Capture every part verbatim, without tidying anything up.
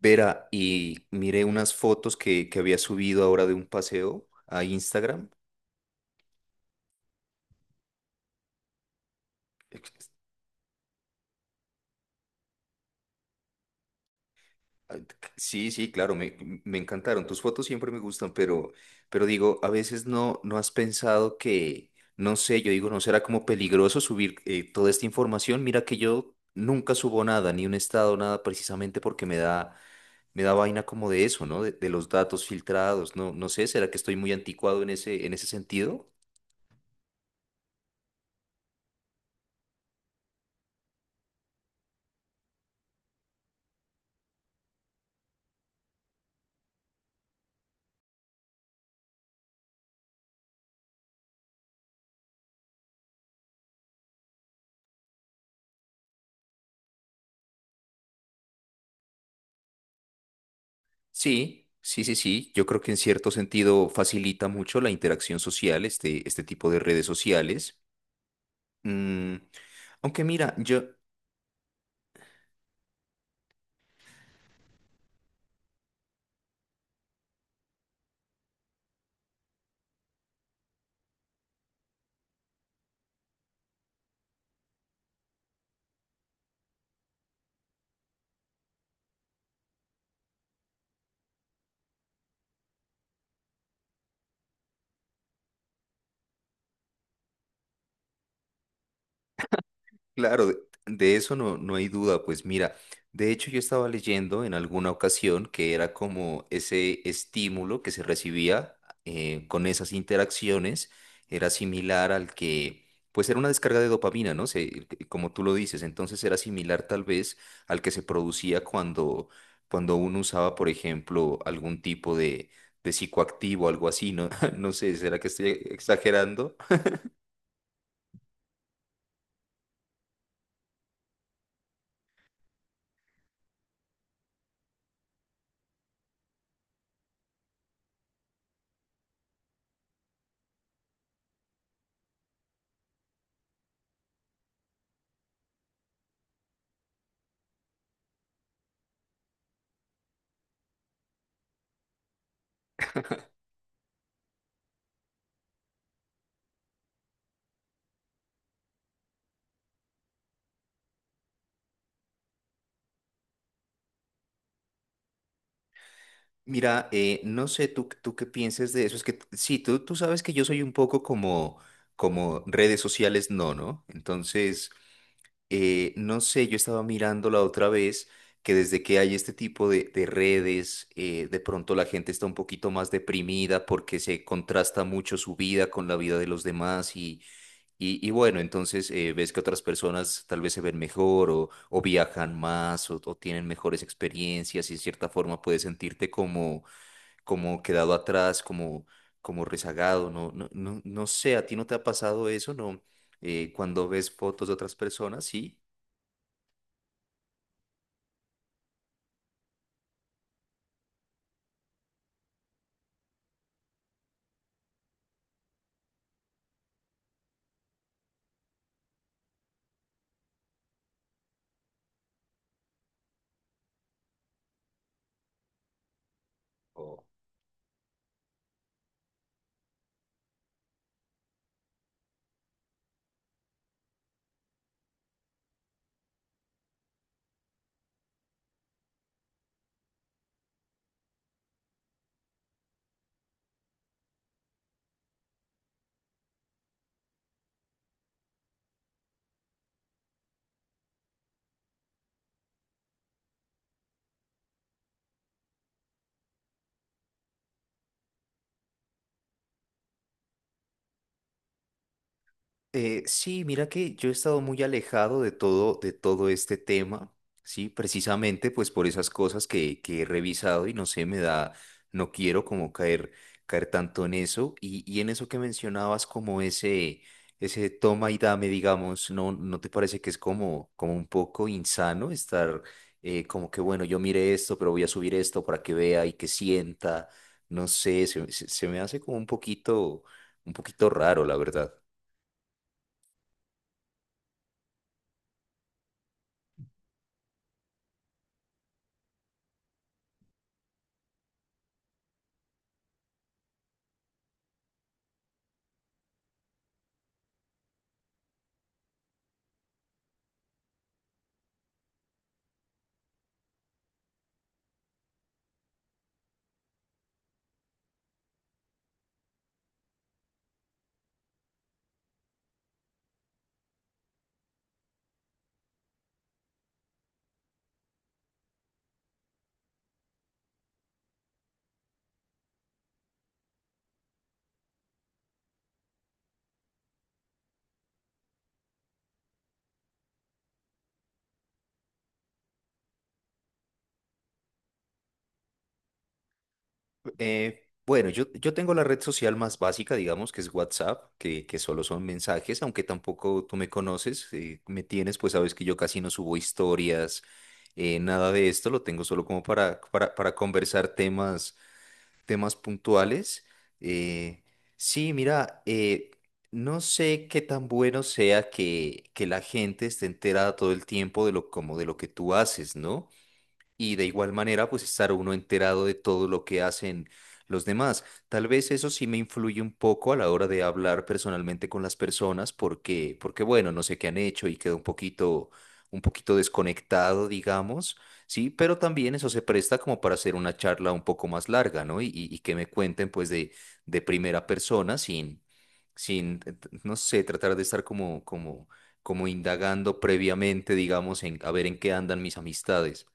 Vera, y miré unas fotos que, que había subido ahora de un paseo a Instagram. Sí, sí, claro, me, me encantaron. Tus fotos siempre me gustan, pero, pero digo, a veces no, no has pensado que, no sé, yo digo, ¿no será como peligroso subir eh, toda esta información? Mira que yo nunca subo nada, ni un estado, nada, precisamente porque me da, me da vaina como de eso, ¿no? De, de los datos filtrados, no, no sé, ¿será que estoy muy anticuado en ese, en ese sentido? Sí, sí, sí, sí. Yo creo que en cierto sentido facilita mucho la interacción social, este, este tipo de redes sociales. Mm, aunque mira, yo. Claro, de, de eso no, no hay duda. Pues mira, de hecho yo estaba leyendo en alguna ocasión que era como ese estímulo que se recibía eh, con esas interacciones era similar al que, pues era una descarga de dopamina, ¿no? Se- como tú lo dices, entonces era similar tal vez al que se producía cuando, cuando uno usaba, por ejemplo, algún tipo de, de psicoactivo, algo así, ¿no? No sé, ¿será que estoy exagerando? Mira, eh, no sé tú tú qué pienses de eso. Es que t- sí, tú, tú sabes que yo soy un poco como, como redes sociales, no, ¿no? Entonces, eh, no sé, yo estaba mirando la otra vez que desde que hay este tipo de, de redes, eh, de pronto la gente está un poquito más deprimida porque se contrasta mucho su vida con la vida de los demás y, y, y bueno, entonces eh, ves que otras personas tal vez se ven mejor o, o viajan más o, o tienen mejores experiencias y de cierta forma puedes sentirte como como quedado atrás, como, como rezagado, no, no, no, no sé, ¿a ti no te ha pasado eso, no? Eh, cuando ves fotos de otras personas, sí. Eh, sí, mira que yo he estado muy alejado de todo, de todo este tema, sí, precisamente pues por esas cosas que, que he revisado y no sé, me da, no quiero como caer, caer tanto en eso y, y en eso que mencionabas como ese, ese toma y dame, digamos, ¿no, no te parece que es como, como un poco insano estar eh, como que bueno, yo mire esto, pero voy a subir esto para que vea y que sienta, no sé, se, se se me hace como un poquito, un poquito raro, la verdad. Eh, bueno, yo, yo tengo la red social más básica, digamos, que es WhatsApp, que, que solo son mensajes, aunque tampoco tú me conoces, eh, me tienes, pues sabes que yo casi no subo historias, eh, nada de esto, lo tengo solo como para, para, para conversar temas, temas puntuales. Eh, sí, mira, eh, no sé qué tan bueno sea que, que la gente esté enterada todo el tiempo de lo, como de lo que tú haces, ¿no? Y de igual manera pues estar uno enterado de todo lo que hacen los demás. Tal vez eso sí me influye un poco a la hora de hablar personalmente con las personas porque porque bueno, no sé qué han hecho y quedo un poquito un poquito desconectado, digamos, sí, pero también eso se presta como para hacer una charla un poco más larga, ¿no? Y, y- y que me cuenten pues de de primera persona sin sin eh, t- no sé, tratar de estar como como como indagando previamente, digamos, en a ver en qué andan mis amistades.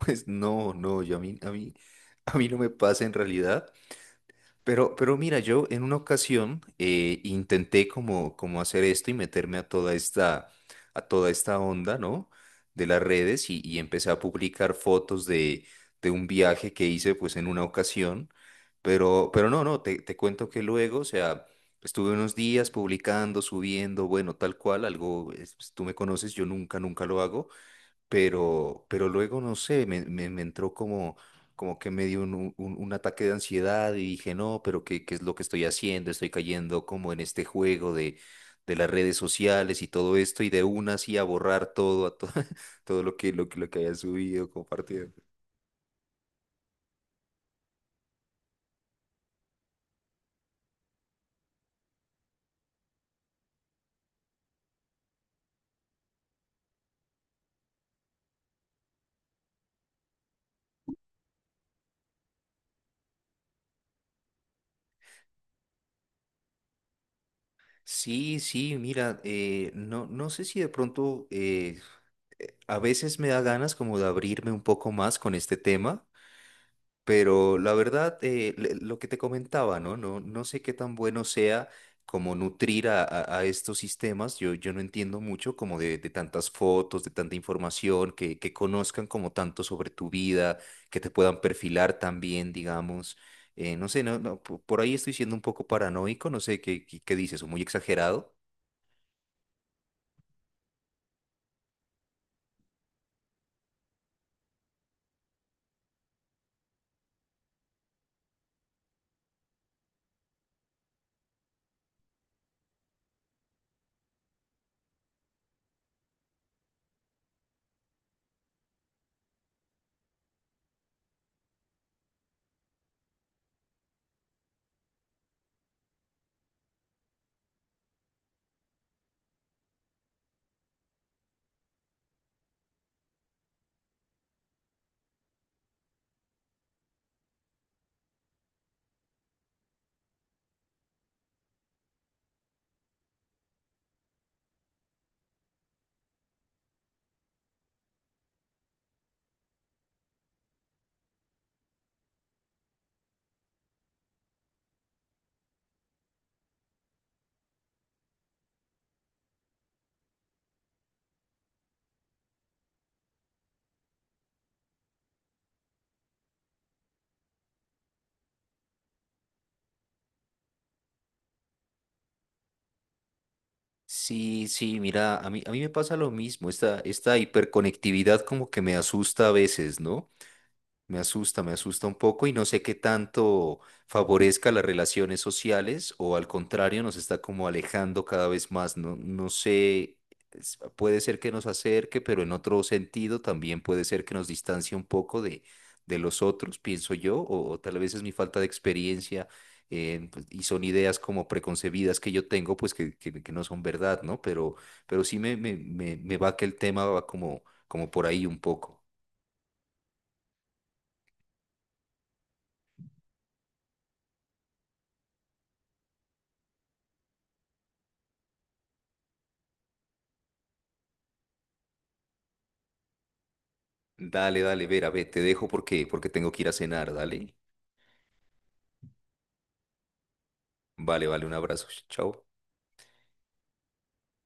Pues no, no, yo a mí, a mí, a mí no me pasa en realidad. Pero, pero mira, yo en una ocasión eh, intenté como, como hacer esto y meterme a toda esta, a toda esta onda, ¿no? De las redes y, y empecé a publicar fotos de, de un viaje que hice pues en una ocasión. Pero, pero no, no, te, te cuento que luego, o sea, estuve unos días publicando, subiendo, bueno, tal cual, algo, es- pues, tú me conoces, yo nunca, nunca lo hago pero, pero luego, no sé, me, me, me entró como, como que me dio un, un- un- ataque de ansiedad y dije, no, pero ¿qué, qué es lo que estoy haciendo? Estoy cayendo como en este juego de, de las redes sociales y todo esto y de una así a borrar todo, a todo, todo lo que, lo, que- lo que haya subido, compartido. Sí, sí, mira, eh, no, no sé si de pronto eh, a veces me da ganas como de abrirme un poco más con este tema. Pero la verdad, eh, le- lo que te comentaba, ¿no? No, no sé qué tan bueno sea como nutrir a, a- a estos sistemas. Yo, yo no entiendo mucho como de, de tantas fotos, de tanta información, que, que conozcan como tanto sobre tu vida, que te puedan perfilar también, digamos. Eh, no sé, no, no, po- por ahí estoy siendo un poco paranoico, no sé qué, qué, qué dices, o muy exagerado. Sí, sí, mira, a mí, a mí me pasa lo mismo, esta, esta hiperconectividad como que me asusta a veces, ¿no? Me asusta, me asusta un poco y no sé qué tanto favorezca las relaciones sociales o al contrario nos está como alejando cada vez más. No, no sé, es- puede ser que nos acerque, pero en otro sentido también puede ser que nos distancie un poco de, de los otros, pienso yo, o, o tal vez es mi falta de experiencia eh, pues, y son ideas como preconcebidas que yo tengo, pues que, que- que no son verdad, ¿no? Pero, pero sí me, me, me, me va que el tema va como, como por ahí un poco. Dale, dale, Vera, ve, te dejo porque, porque tengo que ir a cenar, dale. Vale, vale, un abrazo. Chao.